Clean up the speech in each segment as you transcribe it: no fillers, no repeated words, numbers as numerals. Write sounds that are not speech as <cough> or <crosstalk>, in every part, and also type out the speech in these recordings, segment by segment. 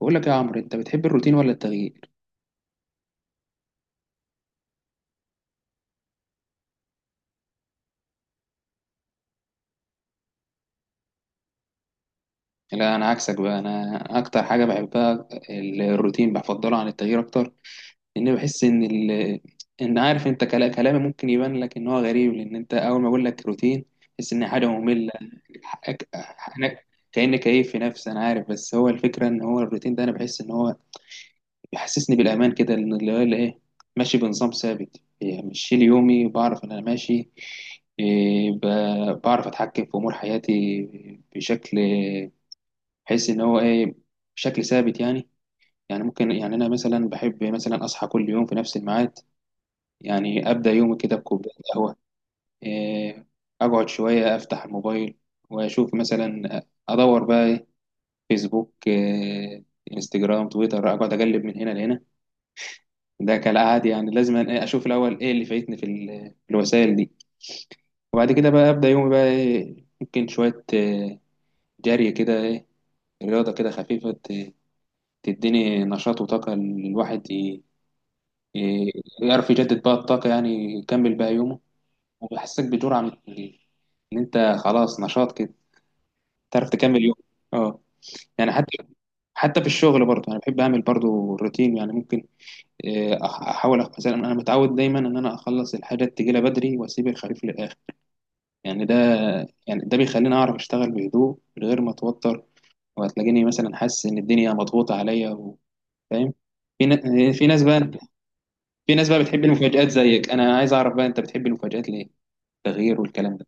بقول لك يا عمرو، انت بتحب الروتين ولا التغيير؟ لا، انا عكسك بقى. انا اكتر حاجه بحبها الروتين، بفضله عن التغيير اكتر. لان بحس ان عارف انت، كلامي ممكن يبان لك ان هو غريب، لان انت اول ما اقول لك روتين تحس ان حاجه ممله. حقك- انا كاني كيف في نفسي، انا عارف. بس هو الفكره ان هو الروتين ده، انا بحس ان هو بيحسسني بالأمان كده، لأن اللي هو اللي إيه، ماشي بنظام ثابت. يعني مش شيل يومي، بعرف إن أنا ماشي. إيه، بعرف أتحكم في أمور حياتي بشكل، بحيث إن هو إيه، بشكل ثابت يعني. يعني ممكن يعني أنا مثلا بحب مثلا أصحى كل يوم في نفس الميعاد. يعني أبدأ يومي كده بكوباية قهوة، إيه، أقعد شوية أفتح الموبايل وأشوف مثلا، أدور بقى إيه، فيسبوك إيه، انستجرام، تويتر، أقعد أقلب من هنا لهنا. ده كالعادي، يعني لازم أنا إيه، اشوف الاول ايه اللي فايتني في في الوسائل دي. وبعد كده بقى ابدا يومي بقى إيه، ممكن شويه جري كده إيه، رياضه كده خفيفه، تديني نشاط وطاقه. الواحد ي- يعرف يجدد بقى الطاقه، يعني يكمل بقى يومه. وبيحسسك بجرعه ان انت خلاص نشاط كده، تعرف تكمل يوم. اه، يعني حتى، حتى في الشغل برضه انا بحب اعمل برضه روتين. يعني ممكن آه، احاول مثلا انا متعود دايما ان انا اخلص الحاجات تجيلي بدري، واسيب الخريف للاخر. يعني ده، يعني ده بيخليني اعرف اشتغل بهدوء من غير ما اتوتر. وهتلاقيني مثلا حاسس ان الدنيا مضغوطه عليا فاهم. في في ناس بقى، في ناس بقى بتحب المفاجآت زيك. انا عايز اعرف بقى، انت بتحب المفاجآت ليه؟ التغيير والكلام ده.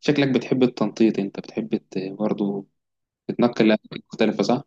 شكلك بتحب التنطيط، انت بتحب برضه تتنقل لأماكن مختلفه، صح؟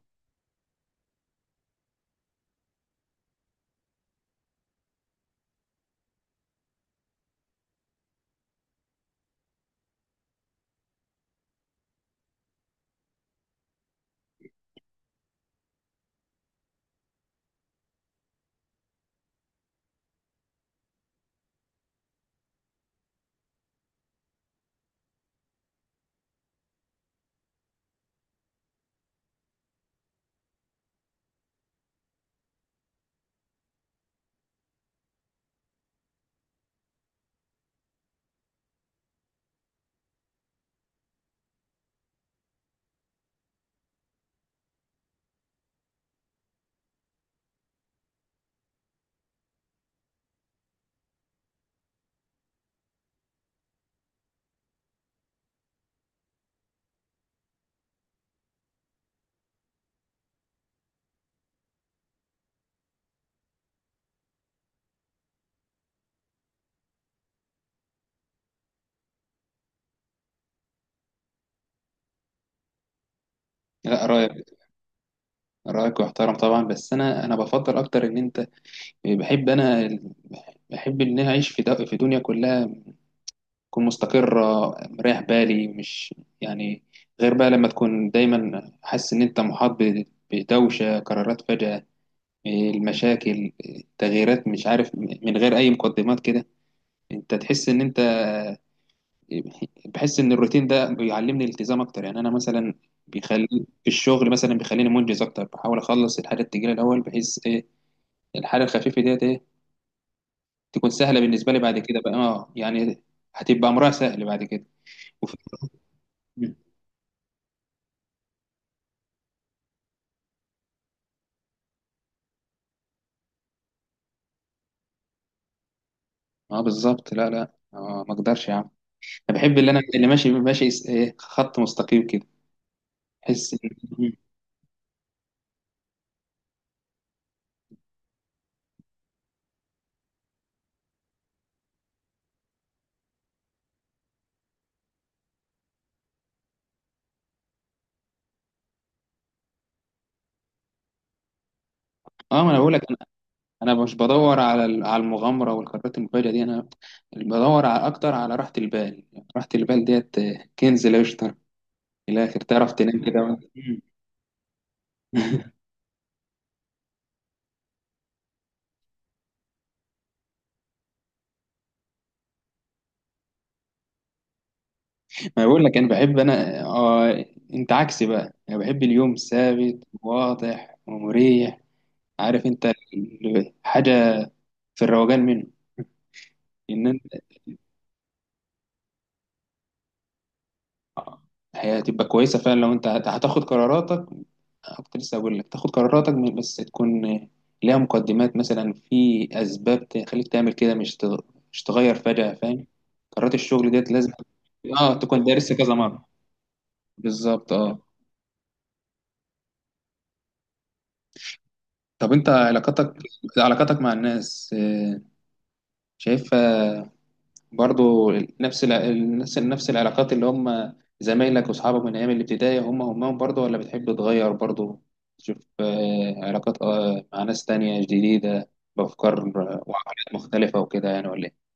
لا، رايك، رايك محترم طبعا. بس انا، بفضل اكتر ان انت، بحب انا، بحب ان انا اعيش في في دنيا كلها تكون مستقرة، مريح بالي. مش يعني غير بقى لما تكون دايما حاسس إن أنت محاط بدوشة قرارات فجأة، المشاكل، تغييرات مش عارف من غير أي مقدمات كده، أنت تحس إن أنت <laughs> بحس إن الروتين ده بيعلمني الالتزام أكتر. يعني أنا مثلا بيخلي، في الشغل مثلا بيخليني منجز أكتر، بحاول أخلص الحاجة التقيلة الأول، بحيث إيه، الحاجة الخفيفة ديت إيه، تكون سهلة بالنسبة لي. بعد كده بقى آه، يعني هتبقى أمرها سهل بعد كده. وفي اه، بالظبط. لا لا، اه، ما اقدرش يا عم. انا بحب اللي ماشي، ماشي ايه، خط مستقيم كده. احس إن اه، ما انا بقول لك انا، أنا مش بدور على على المغامره والقرارات المفاجئه دي. انا بدور على اكتر على راحه البال. راحه البال ديت آه، كنز لا يشترى. في الاخر تعرف تنام كده وأنت <laughs> ما بقول لك انا بحب انا آه، انت عكسي بقى. انا بحب اليوم ثابت، واضح ومريح. عارف انت حاجه في الروقان منه، ان آه. هي هتبقى كويسة فعلا لو انت هتاخد قراراتك آه، كنت لسه هقول لك تاخد قراراتك بس تكون آه، ليها مقدمات، مثلا في أسباب تخليك تعمل كده، مش مش تغير فجأة، فاهم؟ قرارات الشغل ديت لازم، اه، تكون دارس كذا مرة. بالظبط اه. طب انت علاقاتك، علاقاتك مع الناس آه، شايفها برضو نفس نفس العلاقات اللي هم زمايلك واصحابك من ايام الابتدائي، هم همهم برضو؟ ولا بتحب تغير برضو، تشوف آه، علاقات آه، مع ناس تانية جديدة بأفكار آه، وعقليات مختلفة وكده، يعني ولا ايه؟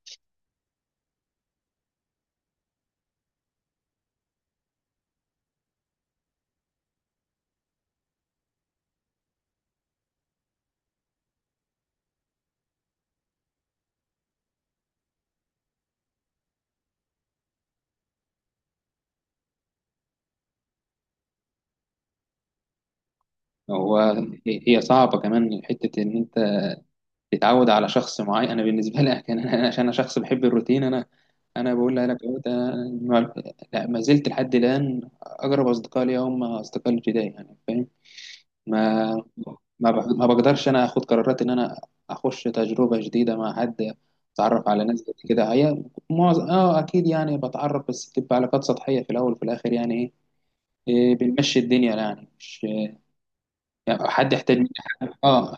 هو هي صعبة كمان حتة إن أنت تتعود على شخص معين. أنا بالنسبة لي كان أنا، عشان أنا شخص بحب الروتين، أنا أنا بقول لك أنا، ما، لا، ما زلت لحد الآن أقرب أصدقاء لي هم أصدقاء الابتدائي، يعني فاهم. ما، ما بقدرش انا اخد قرارات ان انا اخش تجربه جديده مع حد، اتعرف على ناس جديدة كده. هي معظم اه اكيد يعني بتعرف، بس بتبقى علاقات سطحيه في الاول وفي الاخر، يعني ايه، إيه، بنمشي الدنيا يعني. مش يعني حد يحتاج مني حاجه، اه،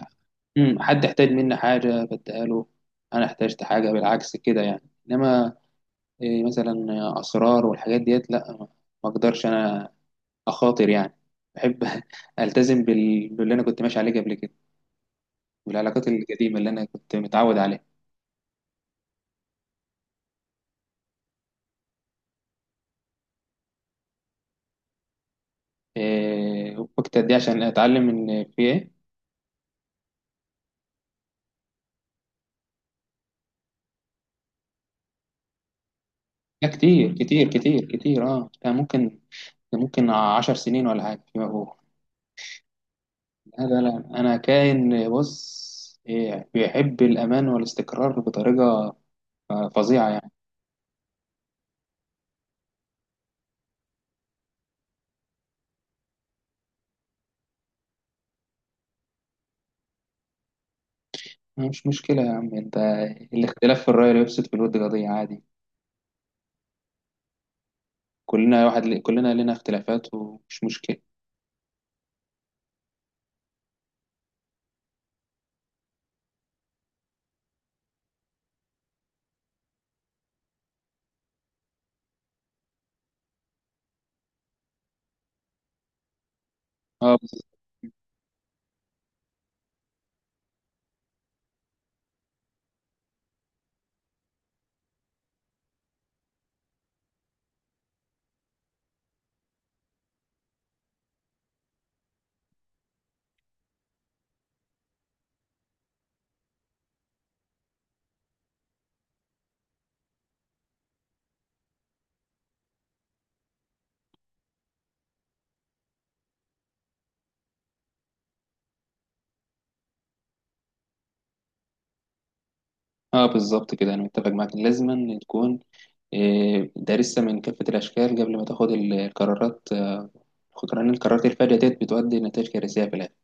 حد يحتاج مني حاجه بديها له، انا احتاجت حاجه بالعكس كده يعني. انما إيه، مثلا اسرار والحاجات ديت، لا، ما، ما اقدرش انا اخاطر يعني. بحب <laughs> التزم باللي انا كنت ماشي عليه قبل كده، والعلاقات القديمة اللي أنا كنت متعود عليها. إيه وقت قد إيه عشان أتعلم إن في إيه؟ لا، كتير كتير كتير كتير أه. ده ممكن، ده ممكن 10 سنين ولا حاجة فيما فوق. هذا لا، أنا كائن بص إيه، بيحب الأمان والاستقرار بطريقة آه، فظيعة يعني. مش مشكلة يا عم أنت، الاختلاف في الرأي لا يفسد في الود قضية، عادي. كلنا واحد، كلنا لنا اختلافات، ومش مشكلة. اه، اه بالظبط كده، انا متفق معاك. لازما تكون آه، دارسها من كافة الاشكال قبل ما تاخد القرارات آه، لان القرارات الفادية ديت بتؤدي لنتائج كارثية في الآخر.